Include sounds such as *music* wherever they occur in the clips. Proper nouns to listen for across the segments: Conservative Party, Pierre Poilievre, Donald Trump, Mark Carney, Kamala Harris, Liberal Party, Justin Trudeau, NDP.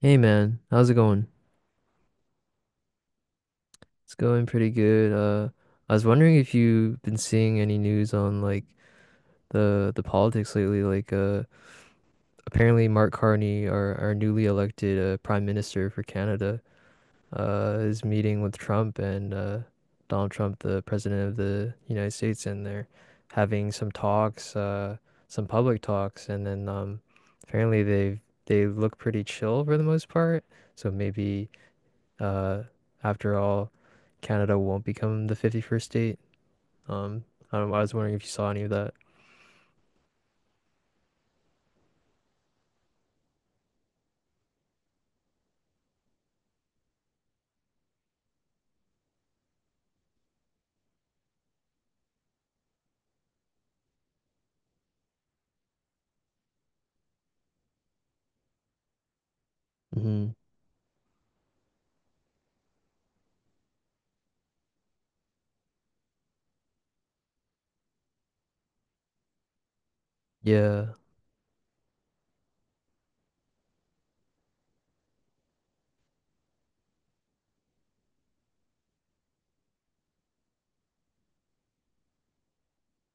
Hey man, how's it going? It's going pretty good. I was wondering if you've been seeing any news on like the politics lately. Apparently Mark Carney, our newly elected Prime Minister for Canada, is meeting with Trump and Donald Trump, the President of the United States, and they're having some talks, some public talks, and then apparently they've they look pretty chill for the most part. So maybe. Uh, After all, Canada won't become the 51st state. Um, I was wondering if you saw any of that. Hmm. Yeah.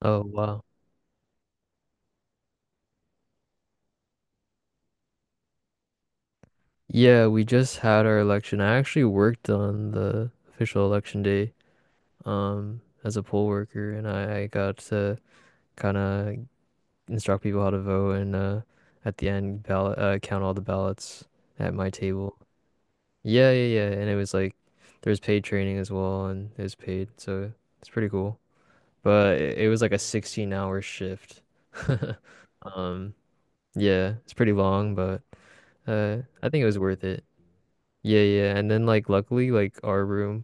Oh, wow. Yeah, we just had our election. I actually worked on the official election day, as a poll worker, and I got to kind of instruct people how to vote and at the end ballot count all the ballots at my table. Yeah, yeah, yeah. And it was like there was paid training as well, and it was paid, so it's pretty cool. But it was like a 16-hour shift. *laughs* Um, yeah, it's pretty long, but I think it was worth it. Yeah, yeah. And then like luckily like our room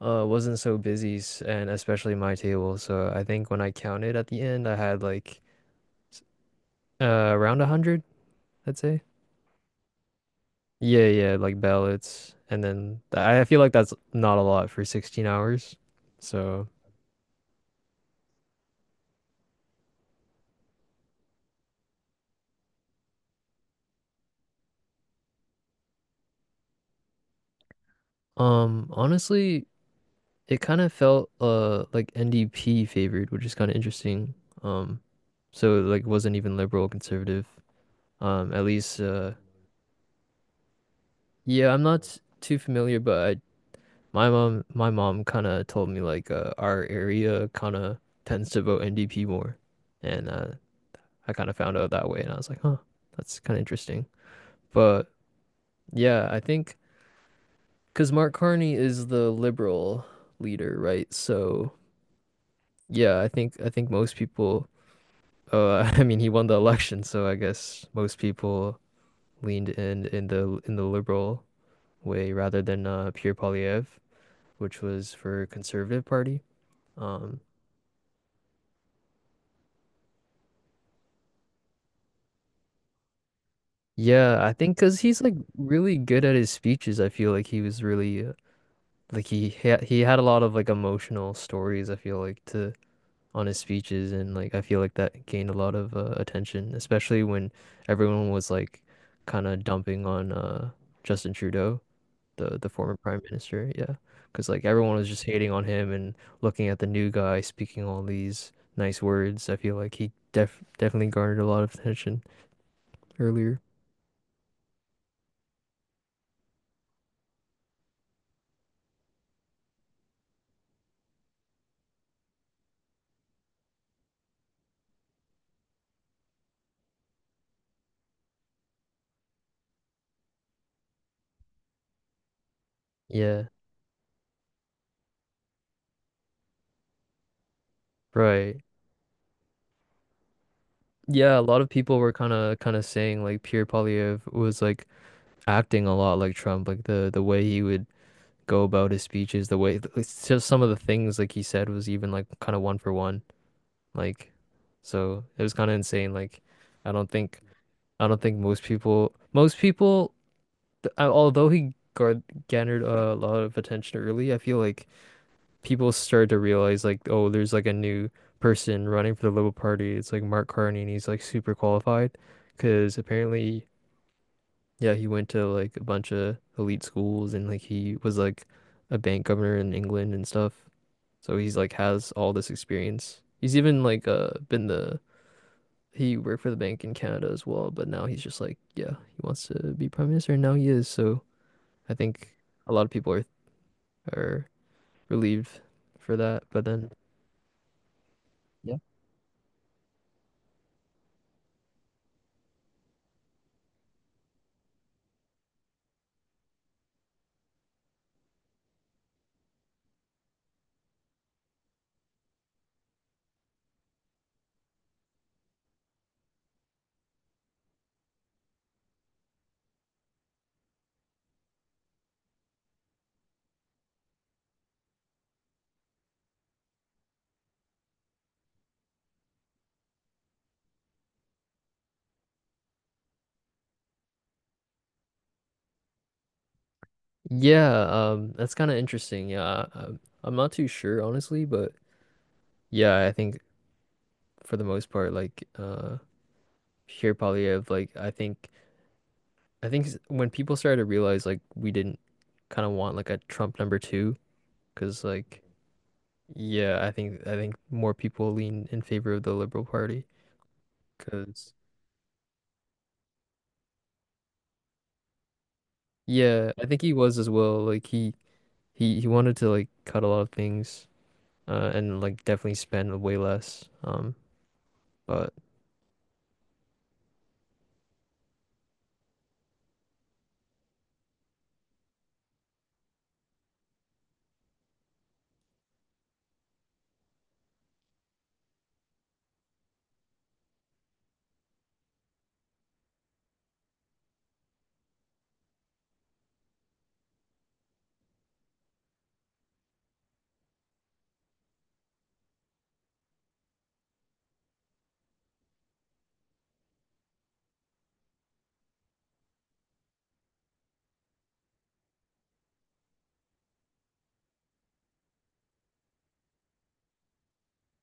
wasn't so busy and especially my table. So I think when I counted at the end, I had like s- around 100, I'd say. Yeah, yeah, like ballots. And then I feel like that's not a lot for 16 hours. So, honestly, it kind of felt like NDP favored, which is kind of interesting. Um, so like it wasn't even liberal conservative. At least. Yeah, I'm not too familiar, but I, my mom kind of told me like our area kind of tends to vote NDP more, and I kind of found out that way, and I was like, huh, that's kind of interesting. But yeah, I think because Mark Carney is the liberal leader, right? So yeah, I think most people. Oh, *laughs* I mean, he won the election, so I guess most people leaned in the liberal way rather than Pierre Poilievre, which was for Conservative Party. Um, yeah, I think because he's like really good at his speeches. I feel like he was really he had a lot of like emotional stories. I feel like to on his speeches, and like I feel like that gained a lot of attention, especially when everyone was like kind of dumping on Justin Trudeau. The former prime minister. Yeah, because like everyone was just hating on him and looking at the new guy speaking all these nice words. I feel like he definitely garnered a lot of attention earlier. Yeah, right. Yeah, a lot of people were kind of saying like Pierre Poilievre was like acting a lot like Trump, like the way he would go about his speeches, the way it's just some of the things like he said was even like kind of one for one, like so it was kind of insane. I don't think. I don't think most people, th- although he garnered a lot of attention early, I feel like people started to realize like, oh, there's like a new person running for the Liberal Party. It's like Mark Carney, and he's like super qualified, because apparently, yeah, he went to like a bunch of elite schools, and like he was like a bank governor in England and stuff. So he's like has all this experience. He's even like been the he worked for the bank in Canada as well, but now he's just like, yeah, he wants to be prime minister, and now he is. So I think a lot of people are relieved for that. But then, yeah, yeah, that's kind of interesting. Yeah, I'm not too sure honestly, but yeah, I think for the most part, like, here probably have like I think when people started to realize like we didn't kind of want like a Trump number two, because like. Yeah, I think more people lean in favor of the Liberal Party. Cause yeah, I think he was as well. Like he he wanted to like cut a lot of things, and like definitely spend way less. But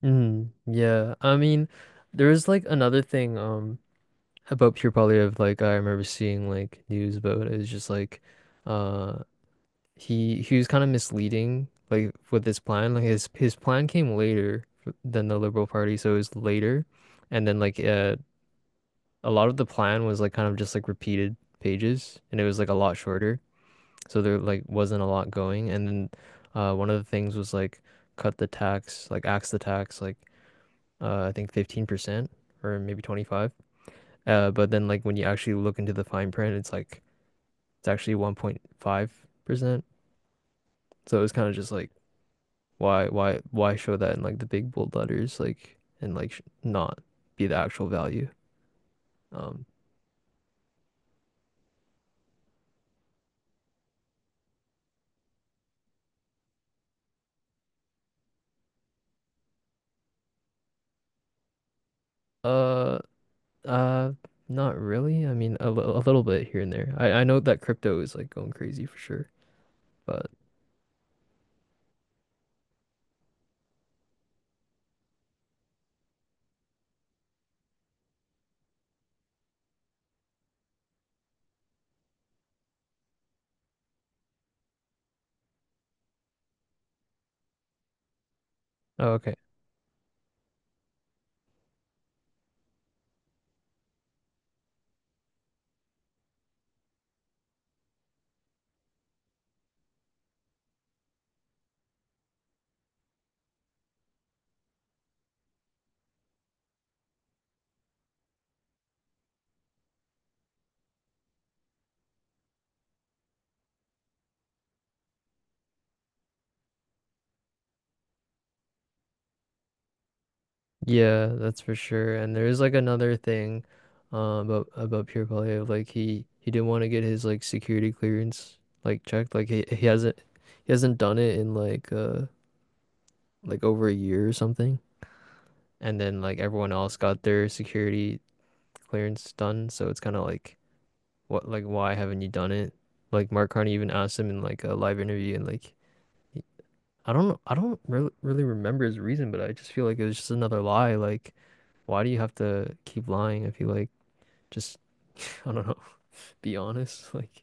mm, yeah, I mean, there is like another thing about Pure Polyev. Like I remember seeing like news about it. It was just like, uh, he was kind of misleading like with his plan. Like his plan came than the Liberal Party, so it was later, and then like a lot of the plan was like kind of just like repeated pages and it was like a lot shorter. So there like wasn't a lot going. And then one of the things was like cut the tax, like axe the tax like I think 15% or maybe 25. But then like when you actually look into the fine print it's like it's actually 1.5%. So it was kind of just like why show that in like the big bold letters like and like not be the actual value. Um uh Uh, Not really. I mean, a little bit here and there. I know that crypto is like going crazy for sure, but oh, okay. Yeah, that's for sure. And there is like another thing, uh, about Pierre Polyev. Like he didn't want to get his like security clearance like checked. Like he hasn't done it in like over a year or something. And then like everyone else got their security clearance done. So it's kind of like what like why haven't you done it? Like Mark Carney even asked him in like a live interview and like. I don't know. I don't re really remember his reason, but I just feel like it was just another lie. Like, why do you have to keep lying if you like just, *laughs* I don't know, *laughs* be honest? Like,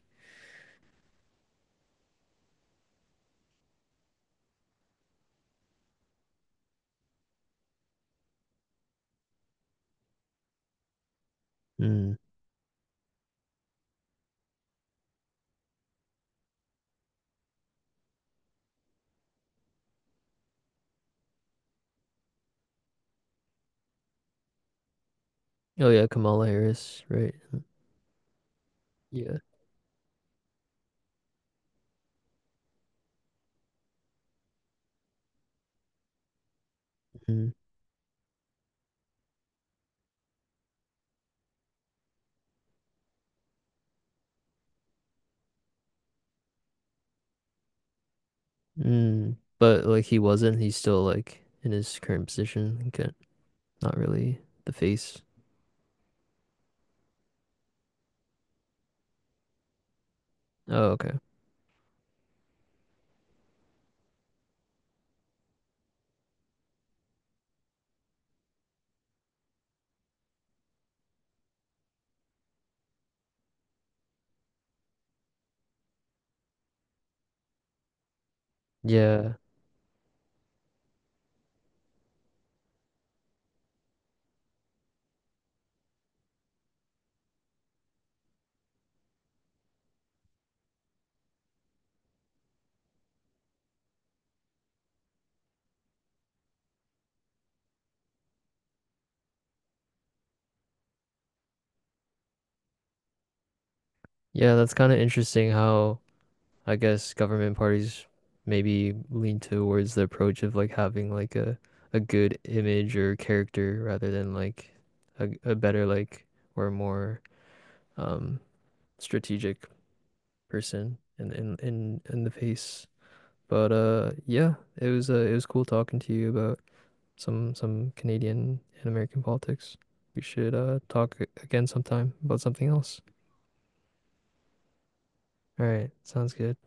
mm. Oh yeah, Kamala Harris, right? Yeah. Mm. Mm. But like he wasn't. He's still like in his current position. Like, not really the face. Oh, okay. Yeah. Yeah, that's kind of interesting how. I guess government parties maybe lean towards the approach of like having like a good image or character rather than like a better like or more um strategic person in the face. But yeah, it was cool talking to you about some Canadian and American politics. We should talk again sometime about something else. All right, sounds good.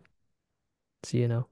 See you now.